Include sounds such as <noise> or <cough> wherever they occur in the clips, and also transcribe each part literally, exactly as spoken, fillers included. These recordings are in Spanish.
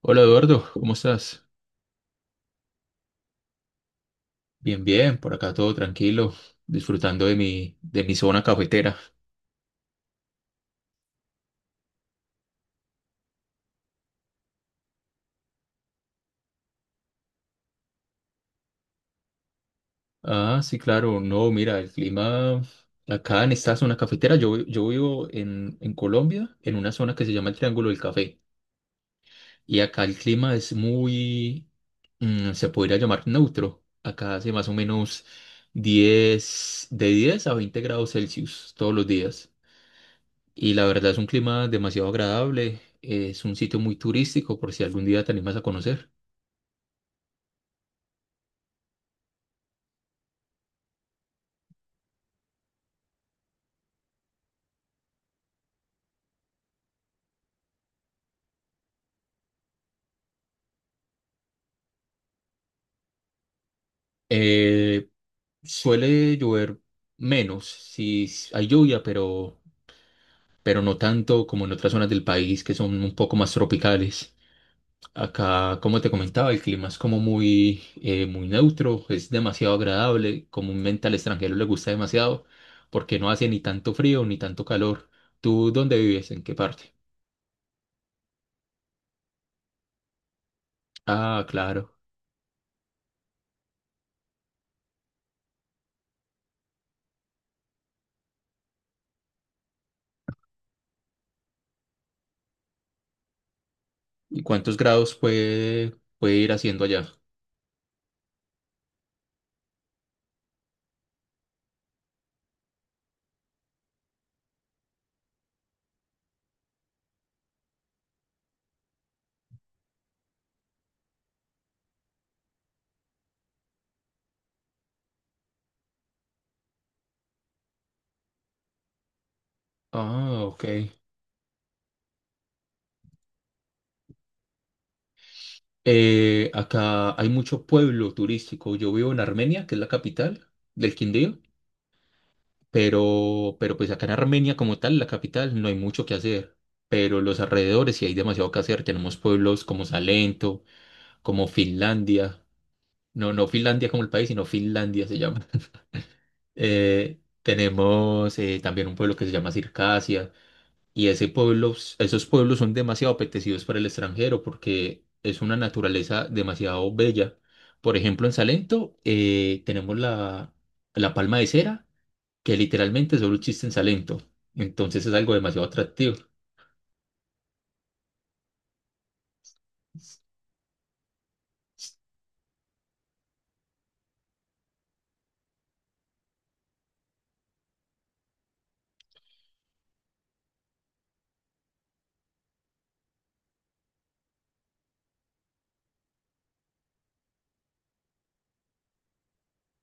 Hola Eduardo, ¿cómo estás? Bien, bien, por acá todo tranquilo, disfrutando de mi, de mi zona cafetera. Ah, sí, claro, no, mira, el clima acá en esta zona cafetera, yo, vi- yo vivo en, en Colombia, en una zona que se llama el Triángulo del Café, y acá el clima es muy, mm, se podría llamar neutro. Acá hace más o menos diez de diez a veinte grados Celsius todos los días. Y la verdad es un clima demasiado agradable. Es un sitio muy turístico por si algún día te animas a conocer. Eh, Suele llover menos, si hay lluvia, pero, pero no tanto como en otras zonas del país que son un poco más tropicales. Acá, como te comentaba, el clima es como muy, eh, muy neutro, es demasiado agradable. Comúnmente al extranjero le gusta demasiado porque no hace ni tanto frío ni tanto calor. ¿Tú dónde vives? ¿En qué parte? Ah, claro. ¿Y cuántos grados puede, puede ir haciendo allá? Ah, ok. Eh, acá hay mucho pueblo turístico. Yo vivo en Armenia, que es la capital del Quindío, pero, pero pues acá en Armenia como tal, la capital, no hay mucho que hacer. Pero los alrededores sí hay demasiado que hacer. Tenemos pueblos como Salento, como Finlandia. No, no Finlandia como el país, sino Finlandia se llama. <laughs> Eh, tenemos eh, también un pueblo que se llama Circasia. Y ese pueblo, Esos pueblos son demasiado apetecidos para el extranjero porque es una naturaleza demasiado bella. Por ejemplo, en Salento eh, tenemos la, la palma de cera, que literalmente solo existe en Salento. Entonces es algo demasiado atractivo.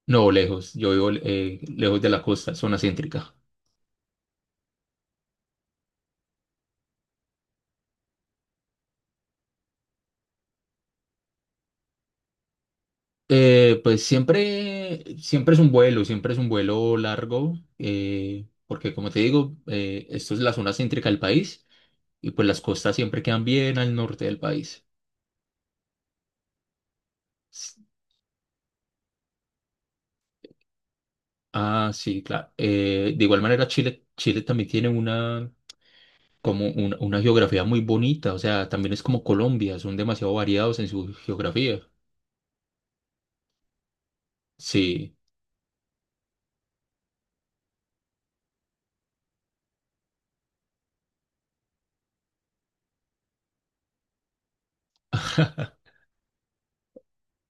No, lejos, yo vivo eh, lejos de la costa, zona céntrica. Eh, pues siempre, siempre es un vuelo, siempre es un vuelo largo, eh, porque como te digo, eh, esto es la zona céntrica del país. Y pues las costas siempre quedan bien al norte del país. S- Ah, sí, claro. Eh, de igual manera, Chile, Chile también tiene una, como una, una geografía muy bonita. O sea, también es como Colombia, son demasiado variados en su geografía. Sí.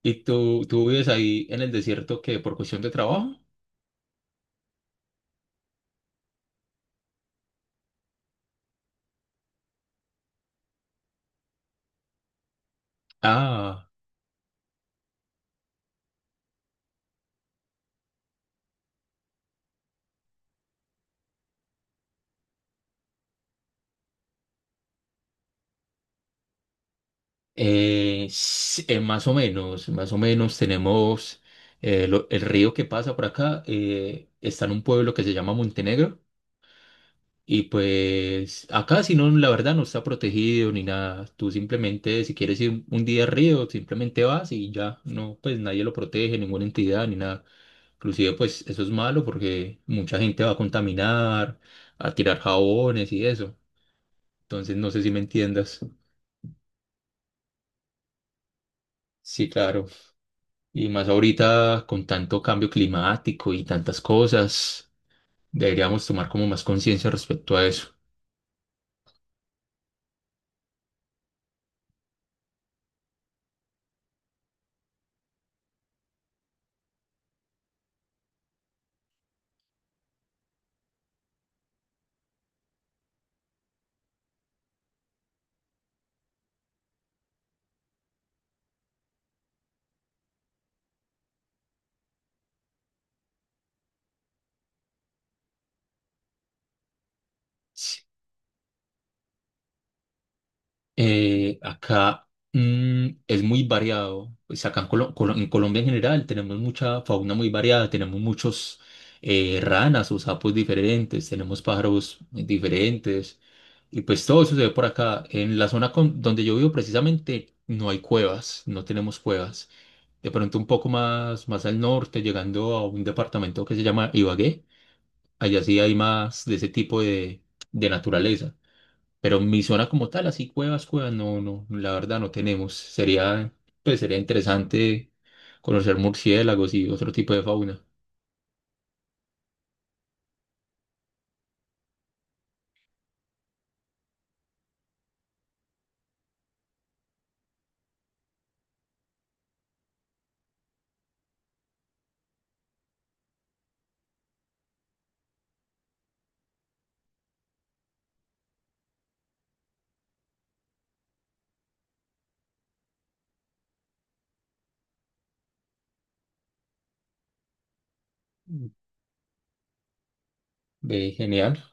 ¿Y tú, tú vives ahí en el desierto que por cuestión de trabajo? Ah, eh, s- eh, Más o menos, más o menos tenemos eh, lo- el río que pasa por acá. Eh, está en un pueblo que se llama Montenegro. Y pues acá si no, la verdad no está protegido ni nada. Tú simplemente, si quieres ir un día al río, simplemente vas y ya. No, pues nadie lo protege, ninguna entidad ni nada. Inclusive pues eso es malo porque mucha gente va a contaminar, a tirar jabones y eso. Entonces no sé si me entiendas. Sí, claro. Y más ahorita con tanto cambio climático y tantas cosas, deberíamos tomar como más conciencia respecto a eso. Eh, acá mm, es muy variado. Pues acá en, Colo- Colo- en Colombia en general tenemos mucha fauna muy variada. Tenemos muchos eh, ranas o sapos diferentes. Tenemos pájaros diferentes. Y pues todo eso se ve por acá. En la zona con- donde yo vivo precisamente no hay cuevas. No tenemos cuevas. De pronto un poco más, más al norte, llegando a un departamento que se llama Ibagué. Allá sí hay más de ese tipo de, de naturaleza. Pero mi zona como tal, así cuevas, cuevas, no, no, la verdad no tenemos. Sería, pues sería interesante conocer murciélagos y otro tipo de fauna. Ve, genial.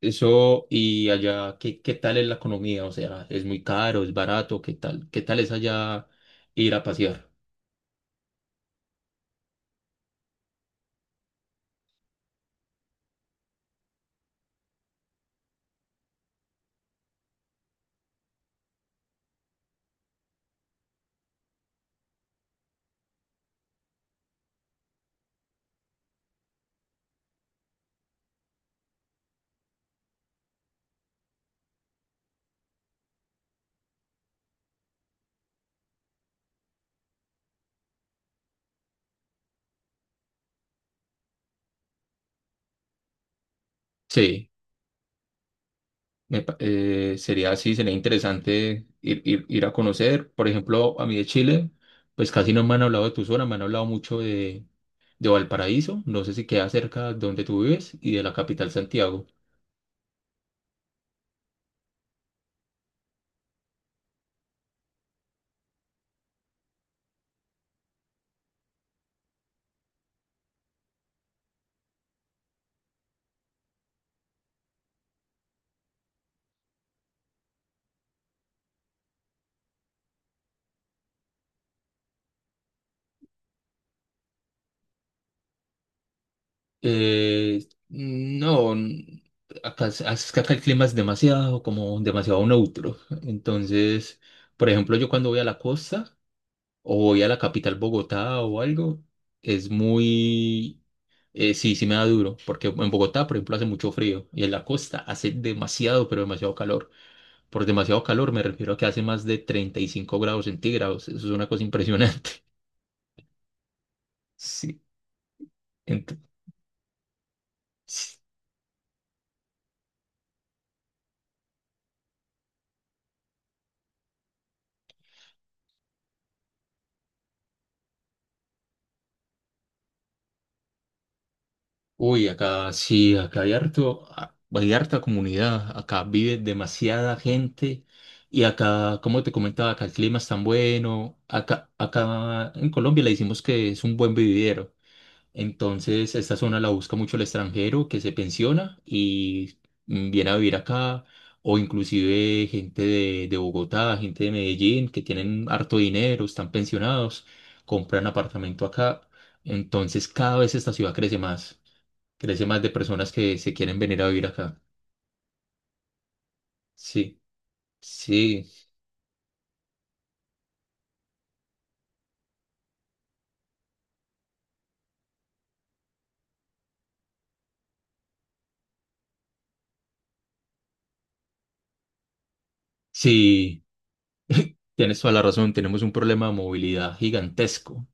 Eso, y allá, ¿qué, qué tal es la economía? O sea, ¿es muy caro, es barato? ¿Qué tal? ¿Qué tal es allá ir a pasear? Sí, me pa- eh, sería así, sería interesante ir, ir, ir a conocer. Por ejemplo, a mí de Chile, pues casi no me han hablado de tu zona, me han hablado mucho de de Valparaíso, no sé si queda cerca donde tú vives, y de la capital Santiago. Eh, no, n- Acá, es- es que acá el clima es demasiado, como demasiado neutro. Entonces, por ejemplo, yo cuando voy a la costa o voy a la capital Bogotá o algo, es muy, eh, sí, sí me da duro, porque en Bogotá, por ejemplo, hace mucho frío y en la costa hace demasiado, pero demasiado calor. Por demasiado calor me refiero a que hace más de treinta y cinco grados centígrados. Eso es una cosa impresionante. <laughs> Sí. Ent- Uy, acá sí, acá hay harto, a- hay harta comunidad, acá vive demasiada gente y acá, como te comentaba, acá el clima es tan bueno, acá, acá en Colombia le decimos que es un buen vividero. Entonces, esta zona la busca mucho el extranjero que se pensiona y mm, viene a vivir acá, o inclusive gente de, de Bogotá, gente de Medellín, que tienen harto dinero, están pensionados, compran apartamento acá. Entonces, cada vez esta ciudad crece más, crece más de personas que se quieren venir a vivir acá. Sí, sí, sí, tienes toda la razón, tenemos un problema de movilidad gigantesco.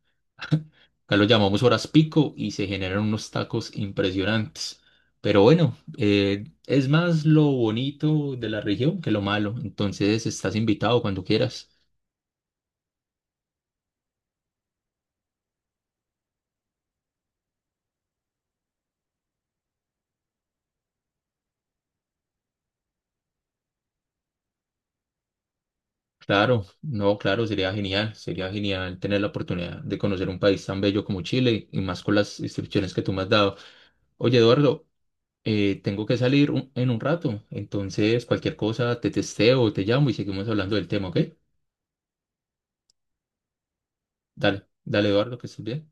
Acá lo llamamos horas pico y se generan unos tacos impresionantes. Pero bueno, eh, es más lo bonito de la región que lo malo. Entonces estás invitado cuando quieras. Claro, no, claro, sería genial. Sería genial tener la oportunidad de conocer un país tan bello como Chile y más con las instrucciones que tú me has dado. Oye, Eduardo, eh, tengo que salir un- en un rato. Entonces, cualquier cosa, te testeo, te llamo y seguimos hablando del tema, ¿ok? Dale, dale, Eduardo, que estés bien.